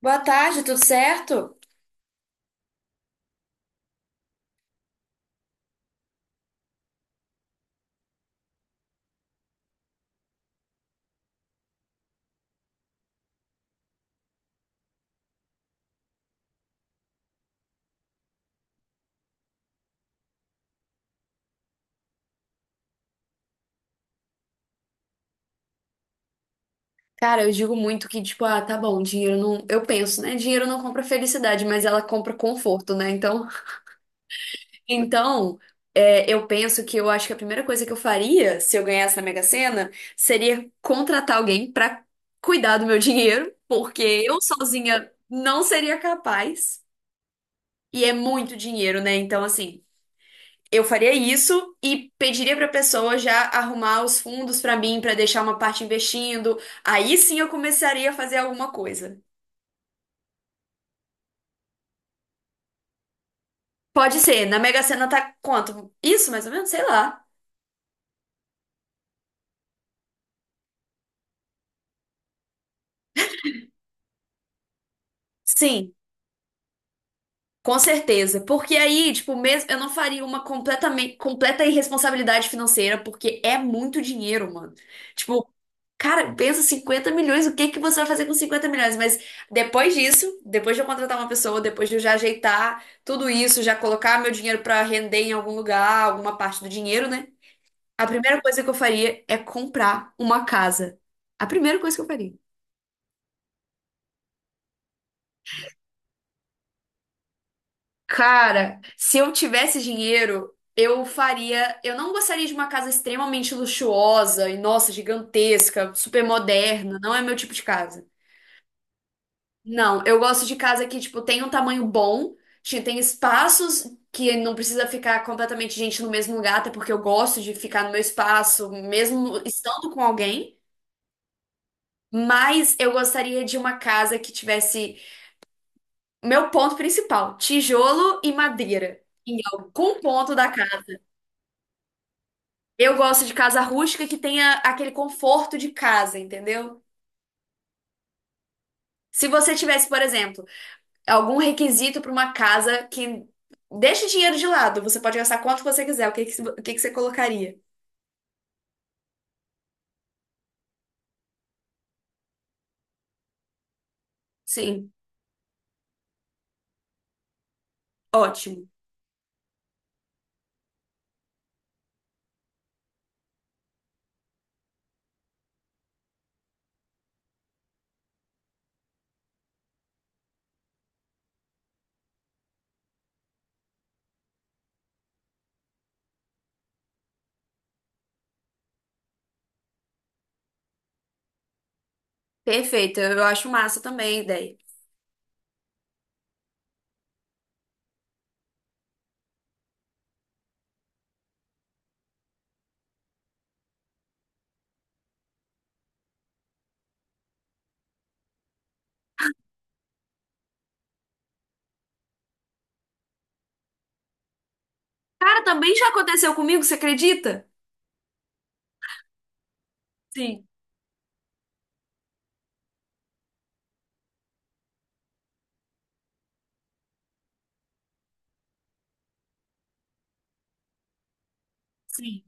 Boa tarde, tudo certo? Cara, eu digo muito que, tipo, ah, tá bom, dinheiro não. Eu penso, né? Dinheiro não compra felicidade, mas ela compra conforto, né? Então, é, eu penso que eu acho que a primeira coisa que eu faria se eu ganhasse na Mega Sena seria contratar alguém pra cuidar do meu dinheiro, porque eu sozinha não seria capaz. E é muito dinheiro, né? Então, assim. Eu faria isso e pediria para a pessoa já arrumar os fundos para mim, para deixar uma parte investindo. Aí sim eu começaria a fazer alguma coisa. Pode ser, na Mega Sena tá quanto? Isso, mais ou menos? Sei lá. Sim, com certeza, porque aí, tipo, mesmo eu não faria uma completamente completa irresponsabilidade financeira, porque é muito dinheiro, mano. Tipo, cara, pensa 50 milhões, o que que você vai fazer com 50 milhões? Mas depois disso, depois de eu contratar uma pessoa, depois de eu já ajeitar tudo isso, já colocar meu dinheiro pra render em algum lugar, alguma parte do dinheiro, né? A primeira coisa que eu faria é comprar uma casa. A primeira coisa que eu faria. Cara, se eu tivesse dinheiro, eu faria. Eu não gostaria de uma casa extremamente luxuosa e, nossa, gigantesca, super moderna. Não é meu tipo de casa. Não, eu gosto de casa que, tipo, tem um tamanho bom, tem espaços que não precisa ficar completamente gente no mesmo lugar, até porque eu gosto de ficar no meu espaço, mesmo estando com alguém. Mas eu gostaria de uma casa que tivesse. Meu ponto principal: tijolo e madeira. Em algum ponto da casa. Eu gosto de casa rústica que tenha aquele conforto de casa, entendeu? Se você tivesse, por exemplo, algum requisito para uma casa que deixa o dinheiro de lado, você pode gastar quanto você quiser, o que que você colocaria? Sim, ótimo. Perfeito, eu acho massa também a ideia. Cara, também já aconteceu comigo, você acredita? Sim, sim.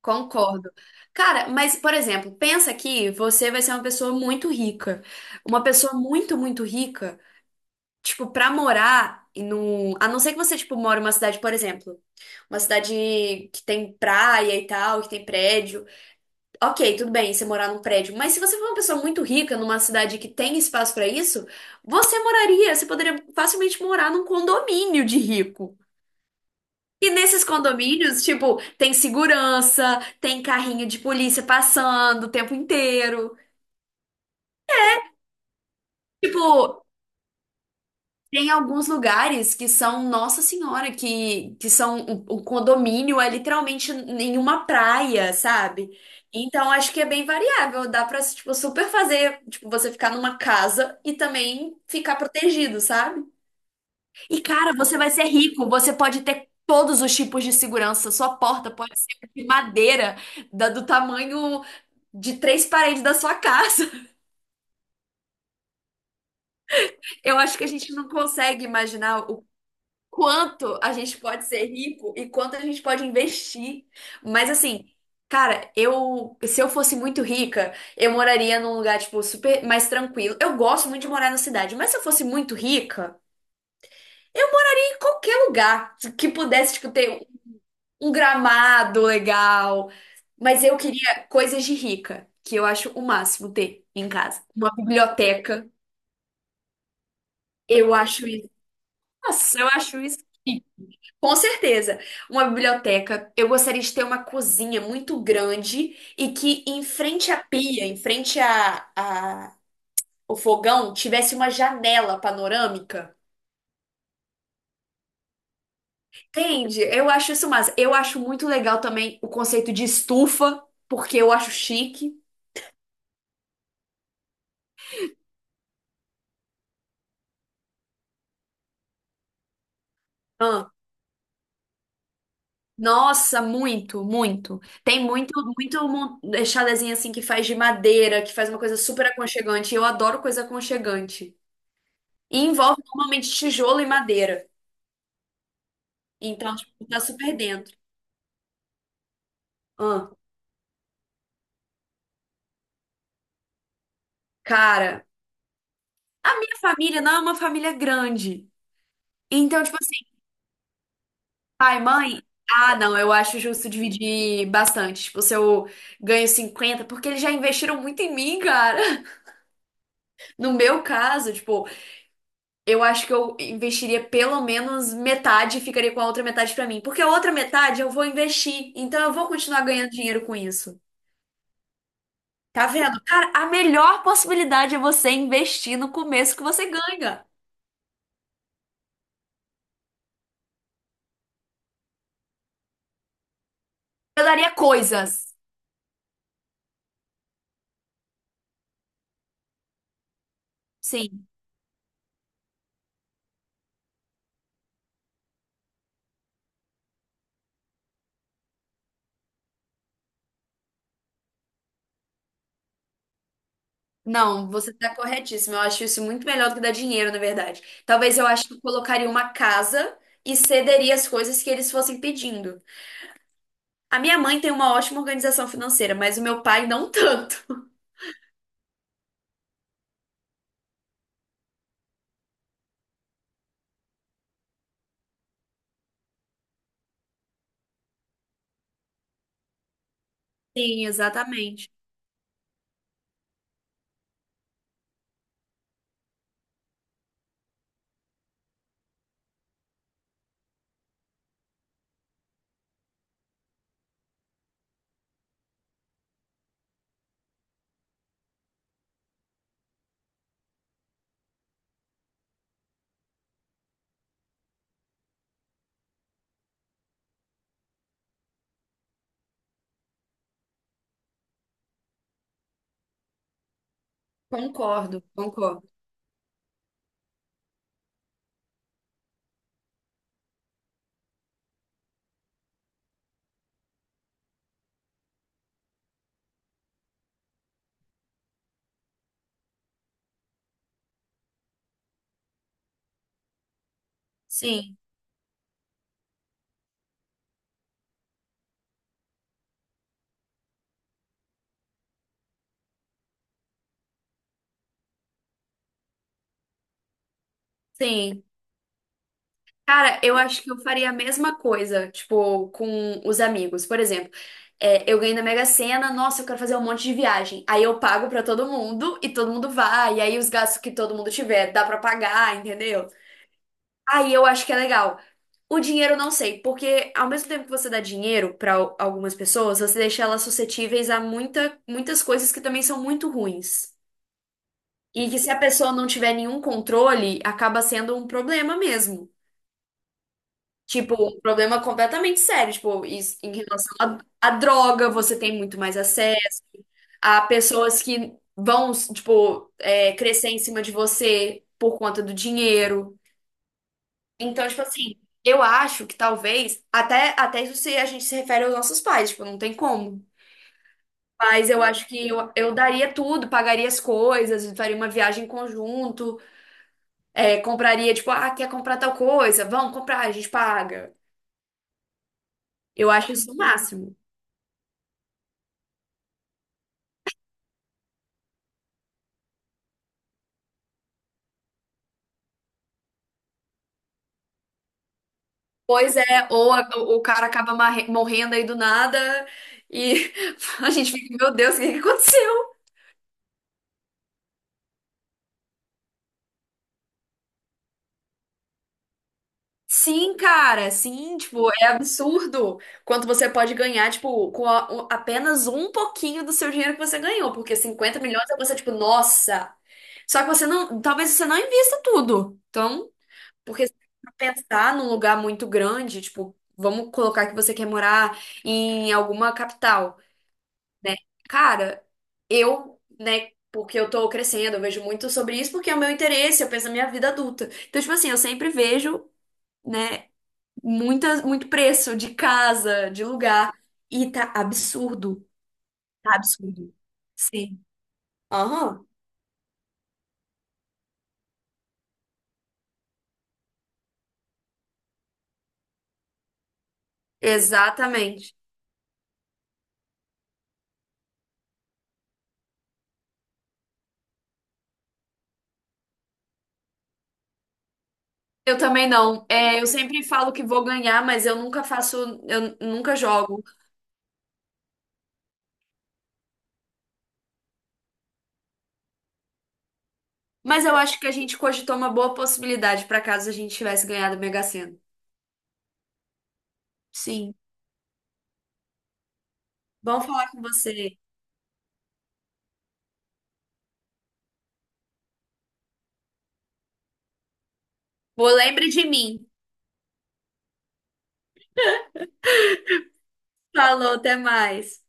Concordo. Cara, mas, por exemplo, pensa que você vai ser uma pessoa muito rica. Uma pessoa muito, muito rica. Tipo, pra morar e num. A não ser que você, tipo, mora em uma cidade, por exemplo, uma cidade que tem praia e tal, que tem prédio. Ok, tudo bem você morar num prédio. Mas se você for uma pessoa muito rica numa cidade que tem espaço pra isso, você moraria, você poderia facilmente morar num condomínio de rico. E nesses condomínios, tipo, tem segurança, tem carrinho de polícia passando o tempo inteiro. Tipo, tem alguns lugares que são Nossa Senhora, que são o condomínio é literalmente em uma praia, sabe? Então acho que é bem variável, dá pra tipo, super fazer, tipo, você ficar numa casa e também ficar protegido, sabe? E cara, você vai ser rico, você pode ter todos os tipos de segurança, sua porta pode ser de madeira, do tamanho de três paredes da sua casa. Eu acho que a gente não consegue imaginar quanto a gente pode ser rico e quanto a gente pode investir. Mas assim, cara, eu, se eu fosse muito rica, eu moraria num lugar, tipo, super mais tranquilo. Eu gosto muito de morar na cidade, mas se eu fosse muito rica, eu ia em qualquer lugar que pudesse, tipo, ter um gramado legal. Mas eu queria coisas de rica, que eu acho o máximo ter em casa. Uma biblioteca, eu acho isso. Nossa, eu acho isso. Com certeza. Uma biblioteca. Eu gostaria de ter uma cozinha muito grande e que em frente à pia, em frente ao fogão, tivesse uma janela panorâmica. Entende? Eu acho isso massa. Eu acho muito legal também o conceito de estufa, porque eu acho chique. Ah, nossa, muito, muito. Tem muito, chalezinho assim que faz de madeira, que faz uma coisa super aconchegante. Eu adoro coisa aconchegante. E envolve normalmente tijolo e madeira. Então, tipo, tá super dentro. Ah, cara, a minha família não é uma família grande. Então, tipo assim, pai, mãe. Ah, não, eu acho justo dividir bastante. Tipo, se eu ganho 50, porque eles já investiram muito em mim, cara. No meu caso, tipo, eu acho que eu investiria pelo menos metade e ficaria com a outra metade pra mim. Porque a outra metade eu vou investir. Então, eu vou continuar ganhando dinheiro com isso. Tá vendo? Cara, a melhor possibilidade é você investir no começo que você ganha. Eu daria coisas. Sim. Não, você tá corretíssimo. Eu acho isso muito melhor do que dar dinheiro, na verdade. Talvez eu acho que eu colocaria uma casa e cederia as coisas que eles fossem pedindo. A minha mãe tem uma ótima organização financeira, mas o meu pai não tanto. Sim, exatamente. Concordo, concordo. Sim, sim. Cara, eu acho que eu faria a mesma coisa, tipo, com os amigos. Por exemplo, é, eu ganhei na Mega Sena, nossa, eu quero fazer um monte de viagem. Aí eu pago pra todo mundo e todo mundo vai. E aí os gastos que todo mundo tiver dá pra pagar, entendeu? Aí eu acho que é legal. O dinheiro eu não sei, porque ao mesmo tempo que você dá dinheiro pra algumas pessoas, você deixa elas suscetíveis a muitas coisas que também são muito ruins. E que se a pessoa não tiver nenhum controle, acaba sendo um problema mesmo. Tipo, um problema completamente sério. Tipo, isso, em relação à droga, você tem muito mais acesso. Há pessoas que vão, tipo, é, crescer em cima de você por conta do dinheiro. Então, tipo assim, eu acho que talvez, até, até isso se a gente se refere aos nossos pais, tipo, não tem como. Mas eu acho que eu daria tudo, pagaria as coisas, faria uma viagem em conjunto, é, compraria, tipo, ah, quer comprar tal coisa? Vamos comprar, a gente paga. Eu acho isso o máximo. Pois é, ou o cara acaba morrendo aí do nada e a gente fica, meu Deus, o que que aconteceu? Sim, cara, sim, tipo, é absurdo quanto você pode ganhar, tipo, com apenas um pouquinho do seu dinheiro que você ganhou, porque 50 milhões é você, tipo, nossa. Só que você não, talvez você não invista tudo. Então, porque se você pensar num lugar muito grande, tipo, vamos colocar que você quer morar em alguma capital. Né? Cara, eu, né, porque eu tô crescendo, eu vejo muito sobre isso, porque é o meu interesse, eu penso na minha vida adulta. Então, tipo assim, eu sempre vejo, né, muitas, muito preço de casa, de lugar, e tá absurdo. Tá absurdo. Sim. Aham. Exatamente. Eu também não. É, eu sempre falo que vou ganhar, mas eu nunca faço, eu nunca jogo. Mas eu acho que a gente cogitou uma boa possibilidade para caso a gente tivesse ganhado o Mega Sena. Sim. Bom falar com você. Vou lembre de mim. Falou, até mais.